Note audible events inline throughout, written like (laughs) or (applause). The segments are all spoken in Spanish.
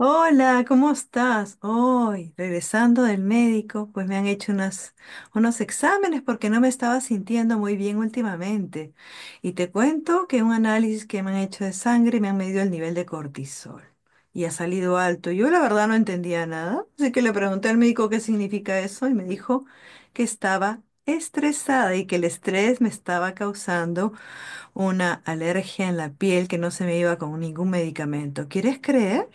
Hola, ¿cómo estás? Hoy, regresando del médico, pues me han hecho unos exámenes porque no me estaba sintiendo muy bien últimamente. Y te cuento que un análisis que me han hecho de sangre me han medido el nivel de cortisol y ha salido alto. Yo la verdad no entendía nada, así que le pregunté al médico qué significa eso y me dijo que estaba estresada y que el estrés me estaba causando una alergia en la piel que no se me iba con ningún medicamento. ¿Quieres creer?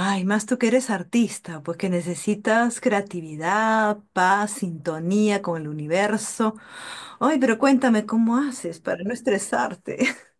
Ay, más tú que eres artista, pues que necesitas creatividad, paz, sintonía con el universo. Ay, pero cuéntame cómo haces para no estresarte. (laughs)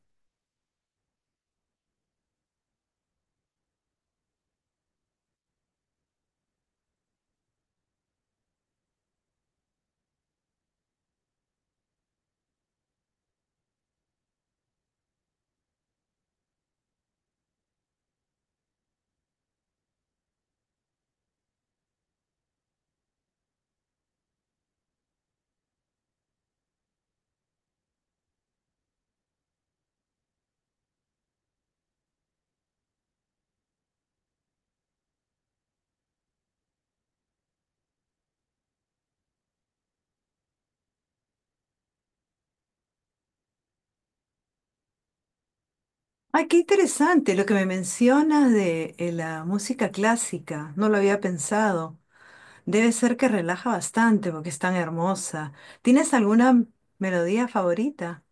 Ay, qué interesante lo que me mencionas de la música clásica. No lo había pensado. Debe ser que relaja bastante porque es tan hermosa. ¿Tienes alguna melodía favorita?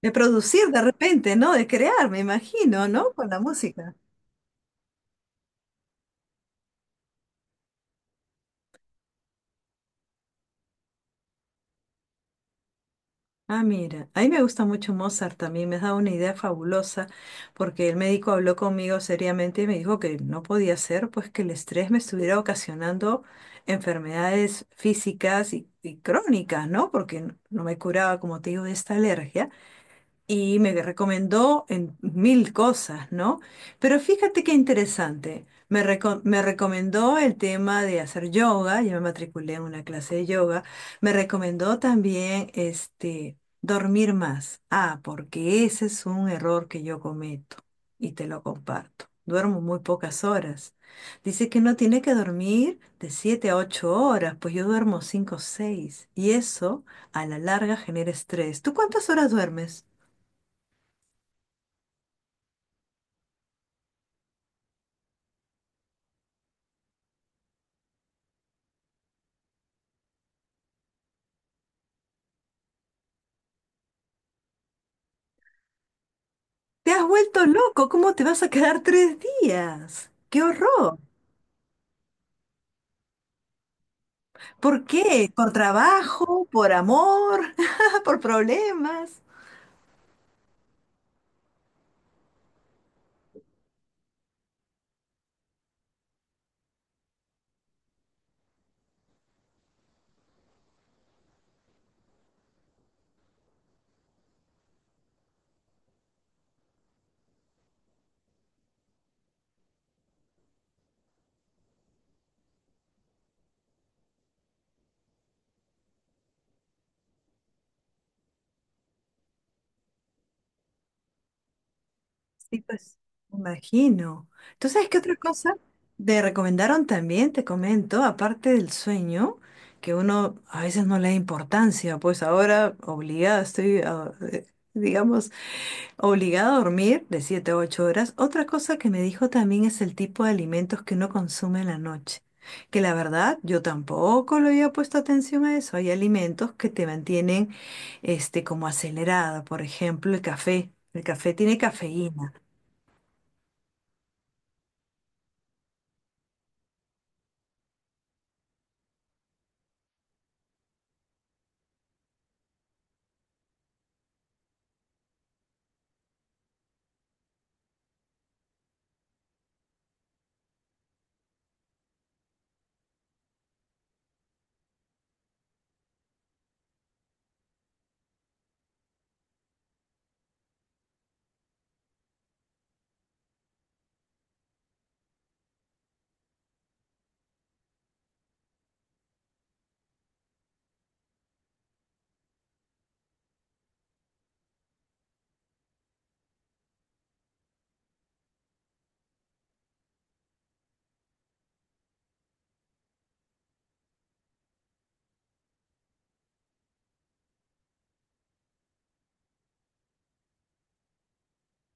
De producir de repente, ¿no? De crear, me imagino, ¿no? Con la música. Ah, mira, a mí me gusta mucho Mozart también, me has dado una idea fabulosa, porque el médico habló conmigo seriamente y me dijo que no podía ser, pues que el estrés me estuviera ocasionando enfermedades físicas y crónicas, ¿no? Porque no me curaba, como te digo, de esta alergia y me recomendó en mil cosas, ¿no? Pero fíjate qué interesante. Me recomendó el tema de hacer yoga, yo me matriculé en una clase de yoga. Me recomendó también este, dormir más. Ah, porque ese es un error que yo cometo y te lo comparto. Duermo muy pocas horas. Dice que no tiene que dormir de 7 a 8 horas, pues yo duermo 5 o 6 y eso a la larga genera estrés. ¿Tú cuántas horas duermes? Te has vuelto loco, ¿cómo te vas a quedar 3 días? ¡Qué horror! ¿Por qué? ¿Por trabajo? ¿Por amor? (laughs) ¿Por problemas? Sí, pues, me imagino. ¿Tú sabes qué otra cosa te recomendaron también? Te comento, aparte del sueño, que uno a veces no le da importancia, pues ahora obligada estoy, digamos, obligado a dormir de 7 a 8 horas. Otra cosa que me dijo también es el tipo de alimentos que uno consume en la noche. Que la verdad, yo tampoco le había puesto atención a eso. Hay alimentos que te mantienen este, como acelerada. Por ejemplo, el café. El café tiene cafeína.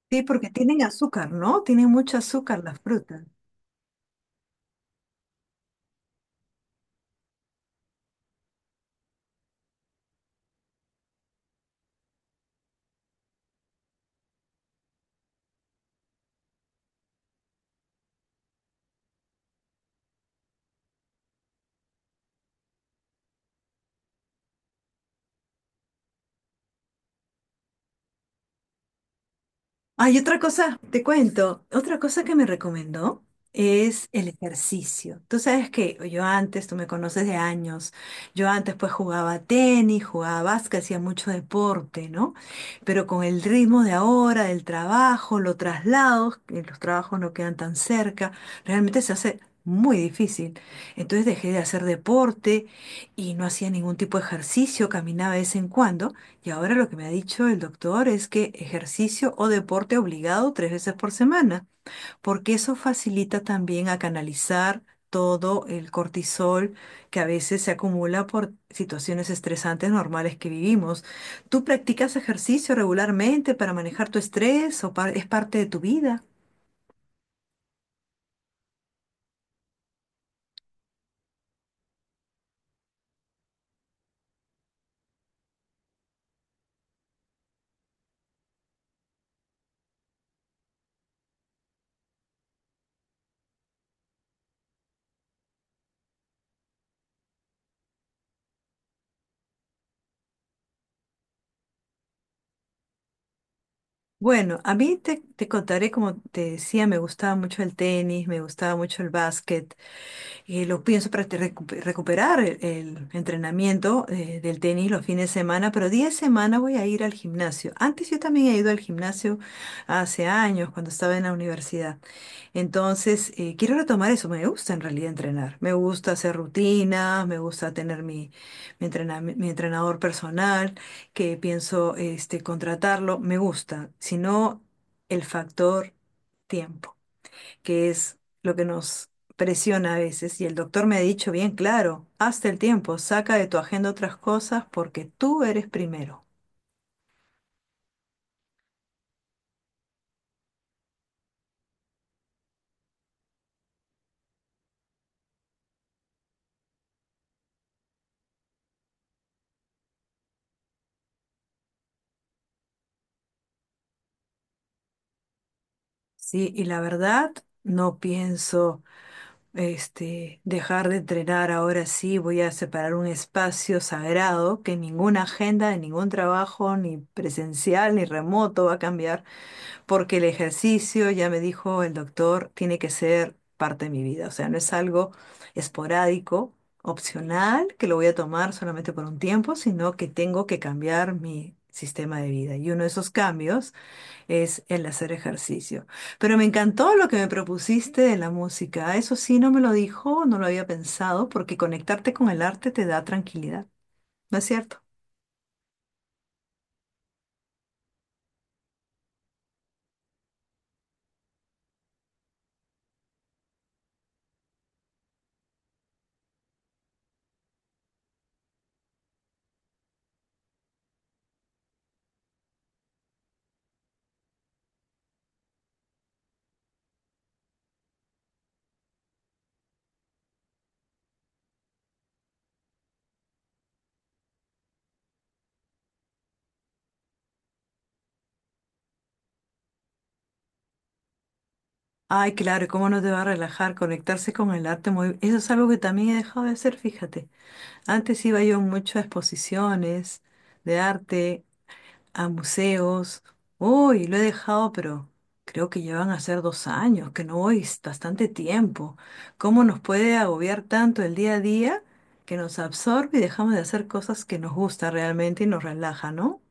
Sí, porque tienen azúcar, ¿no? Tienen mucho azúcar las frutas. Hay otra cosa, te cuento, otra cosa que me recomendó es el ejercicio. Tú sabes que yo antes, tú me conoces de años, yo antes pues jugaba tenis, jugaba básquet, hacía mucho deporte, ¿no? Pero con el ritmo de ahora, del trabajo, los traslados, que los trabajos no quedan tan cerca, realmente se hace muy difícil. Entonces dejé de hacer deporte y no hacía ningún tipo de ejercicio, caminaba de vez en cuando. Y ahora lo que me ha dicho el doctor es que ejercicio o deporte obligado 3 veces por semana, porque eso facilita también a canalizar todo el cortisol que a veces se acumula por situaciones estresantes normales que vivimos. ¿Tú practicas ejercicio regularmente para manejar tu estrés o es parte de tu vida? Bueno, a mí te contaré, como te decía, me gustaba mucho el tenis, me gustaba mucho el básquet. Lo pienso para te recuperar el entrenamiento del tenis los fines de semana, pero día de semana voy a ir al gimnasio. Antes yo también he ido al gimnasio hace años, cuando estaba en la universidad. Entonces, quiero retomar eso. Me gusta en realidad entrenar. Me gusta hacer rutinas, me gusta tener mi entrenador personal que pienso este, contratarlo, me gusta, sino el factor tiempo, que es lo que nos presiona a veces. Y el doctor me ha dicho bien claro, hazte el tiempo, saca de tu agenda otras cosas porque tú eres primero. Sí, y la verdad, no pienso este, dejar de entrenar ahora sí, voy a separar un espacio sagrado que ninguna agenda de ningún trabajo, ni presencial ni remoto, va a cambiar porque el ejercicio, ya me dijo el doctor, tiene que ser parte de mi vida, o sea, no es algo esporádico, opcional, que lo voy a tomar solamente por un tiempo, sino que tengo que cambiar mi sistema de vida. Y uno de esos cambios es el hacer ejercicio. Pero me encantó lo que me propusiste de la música. Eso sí, no me lo dijo, no lo había pensado, porque conectarte con el arte te da tranquilidad, ¿no es cierto? Ay, claro, ¿y ¿cómo no te va a relajar conectarse con el arte? Muy... Eso es algo que también he dejado de hacer, fíjate. Antes iba yo mucho a exposiciones de arte, a museos. Uy, lo he dejado, pero creo que llevan a ser 2 años, que no voy, es bastante tiempo. ¿Cómo nos puede agobiar tanto el día a día que nos absorbe y dejamos de hacer cosas que nos gusta realmente y nos relaja, ¿no?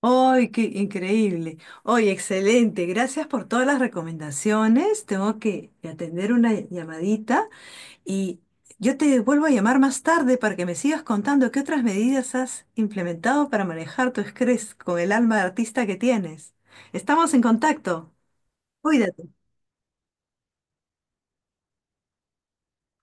¡Ay, qué increíble! ¡Ay, excelente! Gracias por todas las recomendaciones. Tengo que atender una llamadita. Y yo te vuelvo a llamar más tarde para que me sigas contando qué otras medidas has implementado para manejar tu estrés con el alma de artista que tienes. Estamos en contacto. Cuídate.